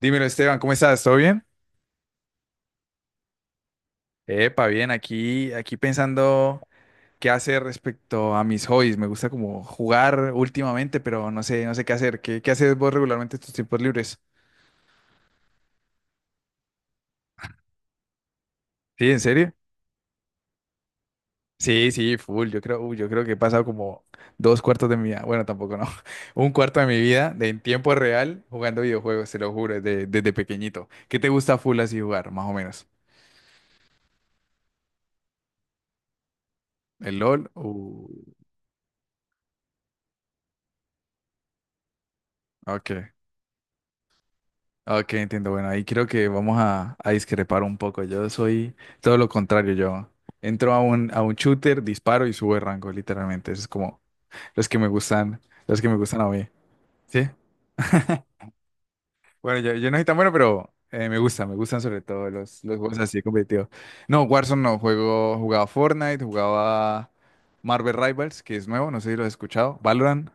Dímelo, Esteban, ¿cómo estás? ¿Todo bien? Epa, bien, aquí pensando qué hacer respecto a mis hobbies. Me gusta como jugar últimamente, pero no sé, no sé qué hacer. ¿Qué haces vos regularmente en tus tiempos libres? ¿Sí, en serio? Sí, sí, full. Yo creo que he pasado como dos cuartos de mi vida. Bueno, tampoco no. Un cuarto de mi vida de en tiempo real jugando videojuegos, te lo juro, desde pequeñito. ¿Qué te gusta full así jugar, más o menos? ¿El LOL? Ok. Ok, entiendo. Bueno, ahí creo que vamos a discrepar un poco. Yo soy todo lo contrario. Yo entro a un shooter, disparo y subo de rango, literalmente. Eso es como los que me gustan, los que me gustan a mí. ¿Sí? Bueno, yo no soy tan bueno, pero me gustan sobre todo los juegos así competitivos. No, Warzone no, jugaba Fortnite, jugaba Marvel Rivals, que es nuevo, no sé si lo has escuchado. Valorant.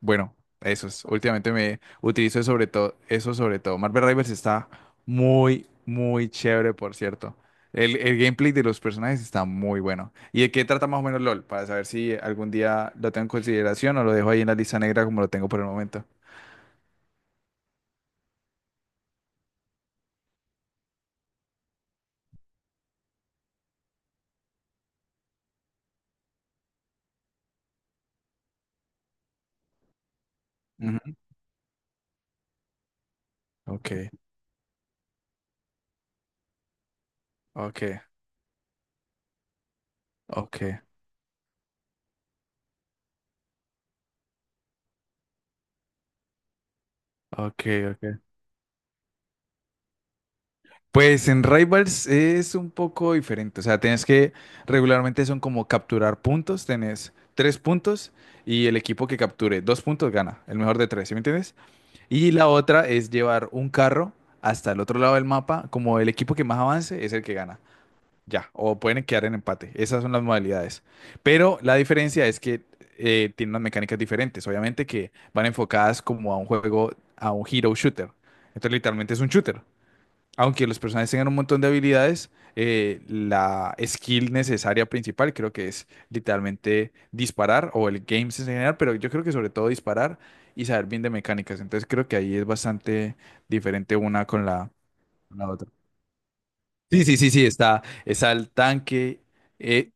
Bueno, eso es. Últimamente me utilizo sobre todo eso sobre todo. Marvel Rivals está muy, muy chévere, por cierto. El gameplay de los personajes está muy bueno. ¿Y de qué trata más o menos LOL? Para saber si algún día lo tengo en consideración o lo dejo ahí en la lista negra como lo tengo por el momento. Ujú. Ok, ok, ok, ok, ok. Pues en Rivals es un poco diferente, o sea, tienes que, regularmente son como capturar puntos, tenés tres puntos y el equipo que capture dos puntos gana, el mejor de tres, ¿sí me entiendes? Y la otra es llevar un carro hasta el otro lado del mapa, como el equipo que más avance es el que gana, ya, o pueden quedar en empate, esas son las modalidades. Pero la diferencia es que tiene unas mecánicas diferentes, obviamente que van enfocadas como a un juego, a un hero shooter, entonces literalmente es un shooter. Aunque los personajes tengan un montón de habilidades, la skill necesaria principal creo que es literalmente disparar o el game sense en general, pero yo creo que sobre todo disparar y saber bien de mecánicas. Entonces creo que ahí es bastante diferente con la otra. Sí, sí, sí, sí, está el eh,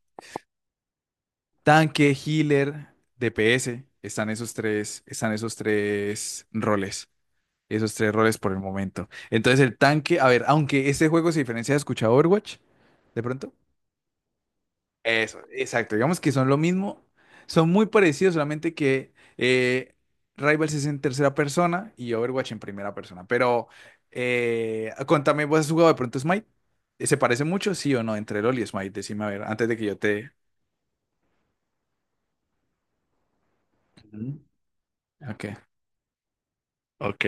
tanque, healer, DPS, están esos tres roles. Esos tres roles por el momento. Entonces el tanque, a ver, aunque este juego se diferencia de escuchado Overwatch, de pronto. Eso, exacto. Digamos que son lo mismo. Son muy parecidos, solamente que Rivals es en tercera persona y Overwatch en primera persona. Pero contame, ¿vos has jugado de pronto Smite? ¿Se parece mucho, sí o no, entre LoL y Smite? Decime, a ver, antes de que yo te... Ujú. Ok. Ok.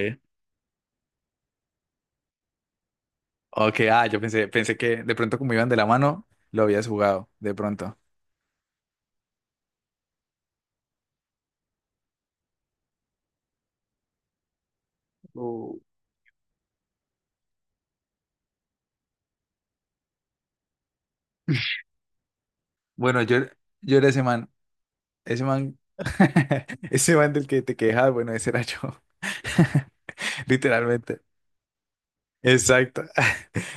Ok, ah, yo pensé que de pronto como iban de la mano, lo habías jugado, de pronto. Oh. Bueno, yo era ese man. Ese man. Ese man del que te quejas, bueno, ese era yo. Literalmente. Exacto.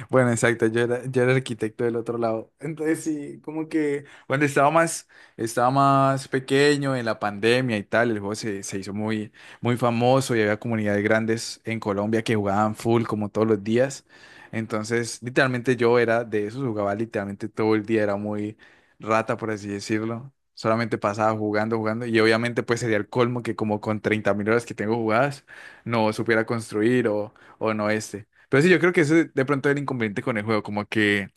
Bueno, exacto. Yo era el arquitecto del otro lado. Entonces sí, como que cuando estaba más pequeño en la pandemia y tal, el juego se hizo muy, muy famoso y había comunidades grandes en Colombia que jugaban full como todos los días. Entonces, literalmente yo era de esos, jugaba literalmente todo el día, era muy rata, por así decirlo. Solamente pasaba jugando, jugando. Y obviamente pues sería el colmo que como con 30.000 horas que tengo jugadas, no supiera construir o no este. Pero sí, yo creo que ese de pronto es el inconveniente con el juego,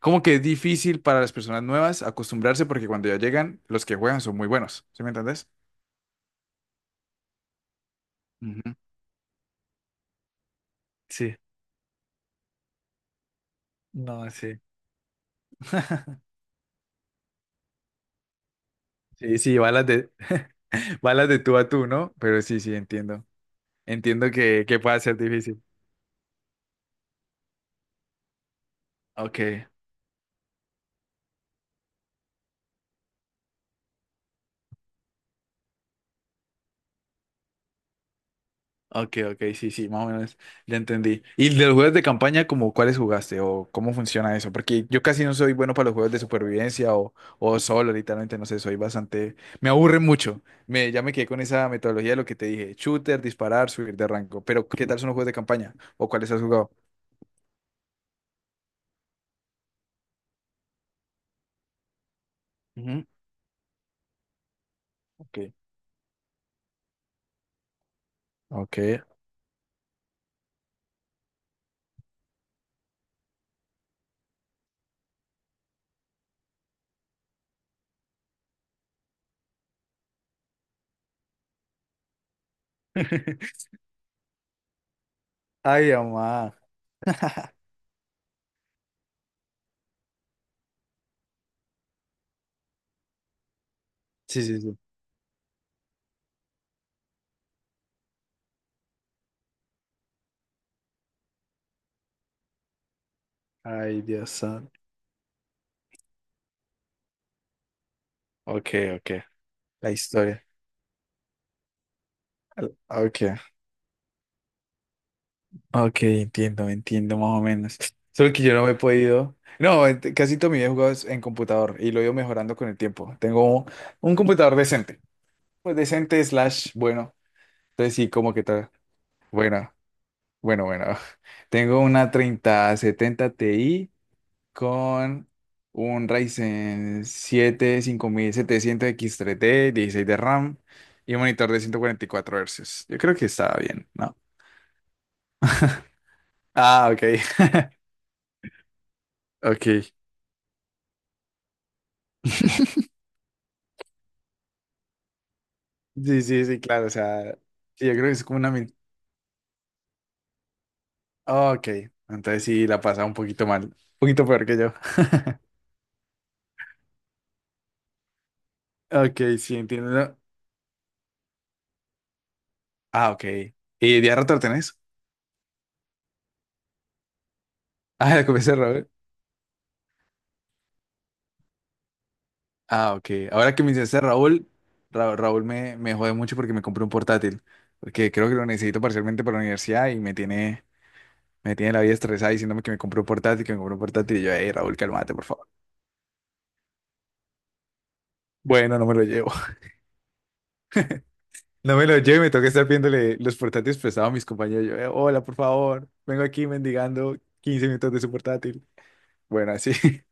como que es difícil para las personas nuevas acostumbrarse porque cuando ya llegan, los que juegan son muy buenos, ¿sí me entendés? Ujú, sí, no, sí. Sí, sí, balas de, balas de tú a tú, ¿no? Pero sí, sí, entiendo. Entiendo que pueda ser difícil. Ok. Ok, ok, sí, sí, más o menos ya entendí. ¿Y de los juegos de campaña, como cuáles jugaste o cómo funciona eso? Porque yo casi no soy bueno para los juegos de supervivencia o solo, literalmente, no sé, soy bastante... Me aburre mucho. Ya me quedé con esa metodología de lo que te dije, shooter, disparar, subir de rango. Pero, ¿qué tal son los juegos de campaña? ¿O cuáles has jugado? Ujú, ok, ok. Ay, mamá. Sí, sí, sí. Ay, Dios santo. Ok, ok. La historia. Ok. Ok, entiendo, entiendo más o menos. Solo que yo no me he podido. No, casi todo mi vida he jugado es en computador y lo he ido mejorando con el tiempo. Tengo un computador decente. Pues decente slash bueno. Entonces sí, como que tal. Bueno, bueno, bueno. Tengo una 3070 Ti con un Ryzen 7 5700X3D, 16 de RAM y un monitor de 144 Hz. Yo creo que estaba bien, ¿no? Ah, ok, ok. Sí, sí, sí, claro, o sea, sí, yo creo que es como una... oh, ok, entonces sí, la pasaba un poquito mal, un poquito peor que yo. Ok, sí, entiendo. Ah, ok. ¿Y de rato lo tenés? Ah, la comencé, Raúl. Ah, ok. Ahora que me dices Raúl, Raúl me jode mucho porque me compré un portátil, porque creo que lo necesito parcialmente para la universidad y me tiene la vida estresada diciéndome que me compré un portátil, que me compré un portátil y yo, hey, Raúl, cálmate, por favor. Bueno, no me lo llevo. No me lo llevo y me toca estar viéndole los portátiles prestados a mis compañeros. Yo, hola, por favor, vengo aquí mendigando 15 minutos de su portátil". Bueno, así.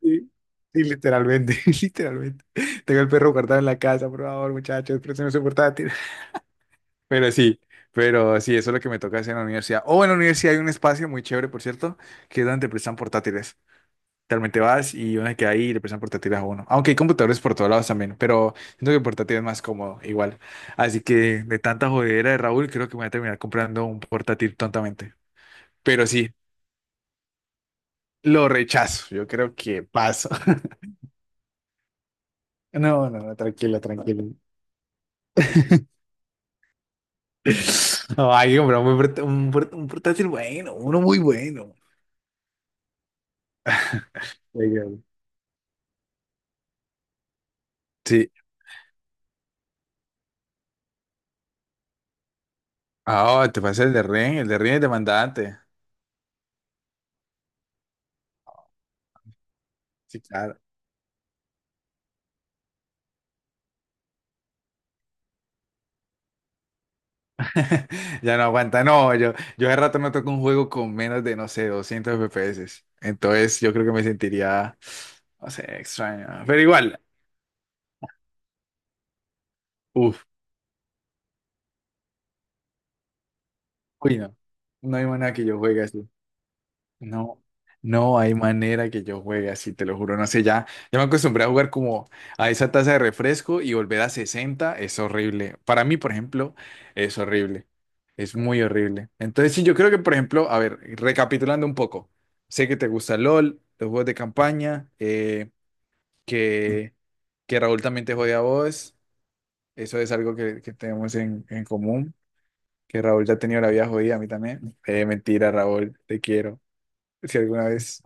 Sí, sí, literalmente, literalmente. Tengo el perro guardado en la casa, por favor, muchachos, préstame su portátil. Pero sí, pero sí, eso es lo que me toca hacer en la universidad. O en la universidad hay un espacio muy chévere, por cierto, que es donde prestan portátiles. Realmente vas y uno se queda ahí y le prestan portátiles a uno. Aunque hay computadores por todos lados también, pero siento que el portátil es más cómodo, igual. Así que de tanta jodedera de Raúl, creo que me voy a terminar comprando un portátil tontamente. Pero sí, lo rechazo. Yo creo que paso. No, no, no, tranquilo, tranquilo. No, hay que comprar un, buen port- un portátil bueno, uno muy bueno. Oiga. Sí. Ah, te pasa el de Ren es demandante. Sí, claro. Ya no aguanta, no, yo hace rato no toco un juego con menos de, no sé, 200 FPS, entonces yo creo que me sentiría, no sé, extraño, pero igual, uff, uy, no, no hay manera que yo juegue así. No, no hay manera que yo juegue así, te lo juro. No sé, ya me acostumbré a jugar como a esa taza de refresco y volver a 60 es horrible. Para mí, por ejemplo, es horrible. Es muy horrible. Entonces, sí, yo creo que, por ejemplo, a ver, recapitulando un poco, sé que te gusta LOL, los juegos de campaña, que, que Raúl también te jode a vos. Eso es algo que tenemos en común. Que Raúl ya ha tenido la vida jodida, a mí también. Mentira, Raúl, te quiero. Si alguna vez.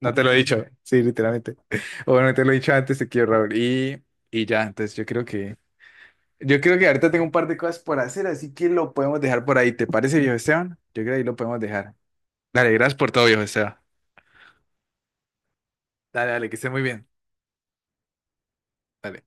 No te lo he dicho, sí, literalmente. O bueno, te lo he dicho antes, te quiero, Raúl. Y ya, entonces yo creo que ahorita tengo un par de cosas por hacer, así que lo podemos dejar por ahí. ¿Te parece, viejo Esteban? Yo creo que ahí lo podemos dejar. Dale, gracias por todo, viejo Esteban. Dale, dale, que esté muy bien. Dale.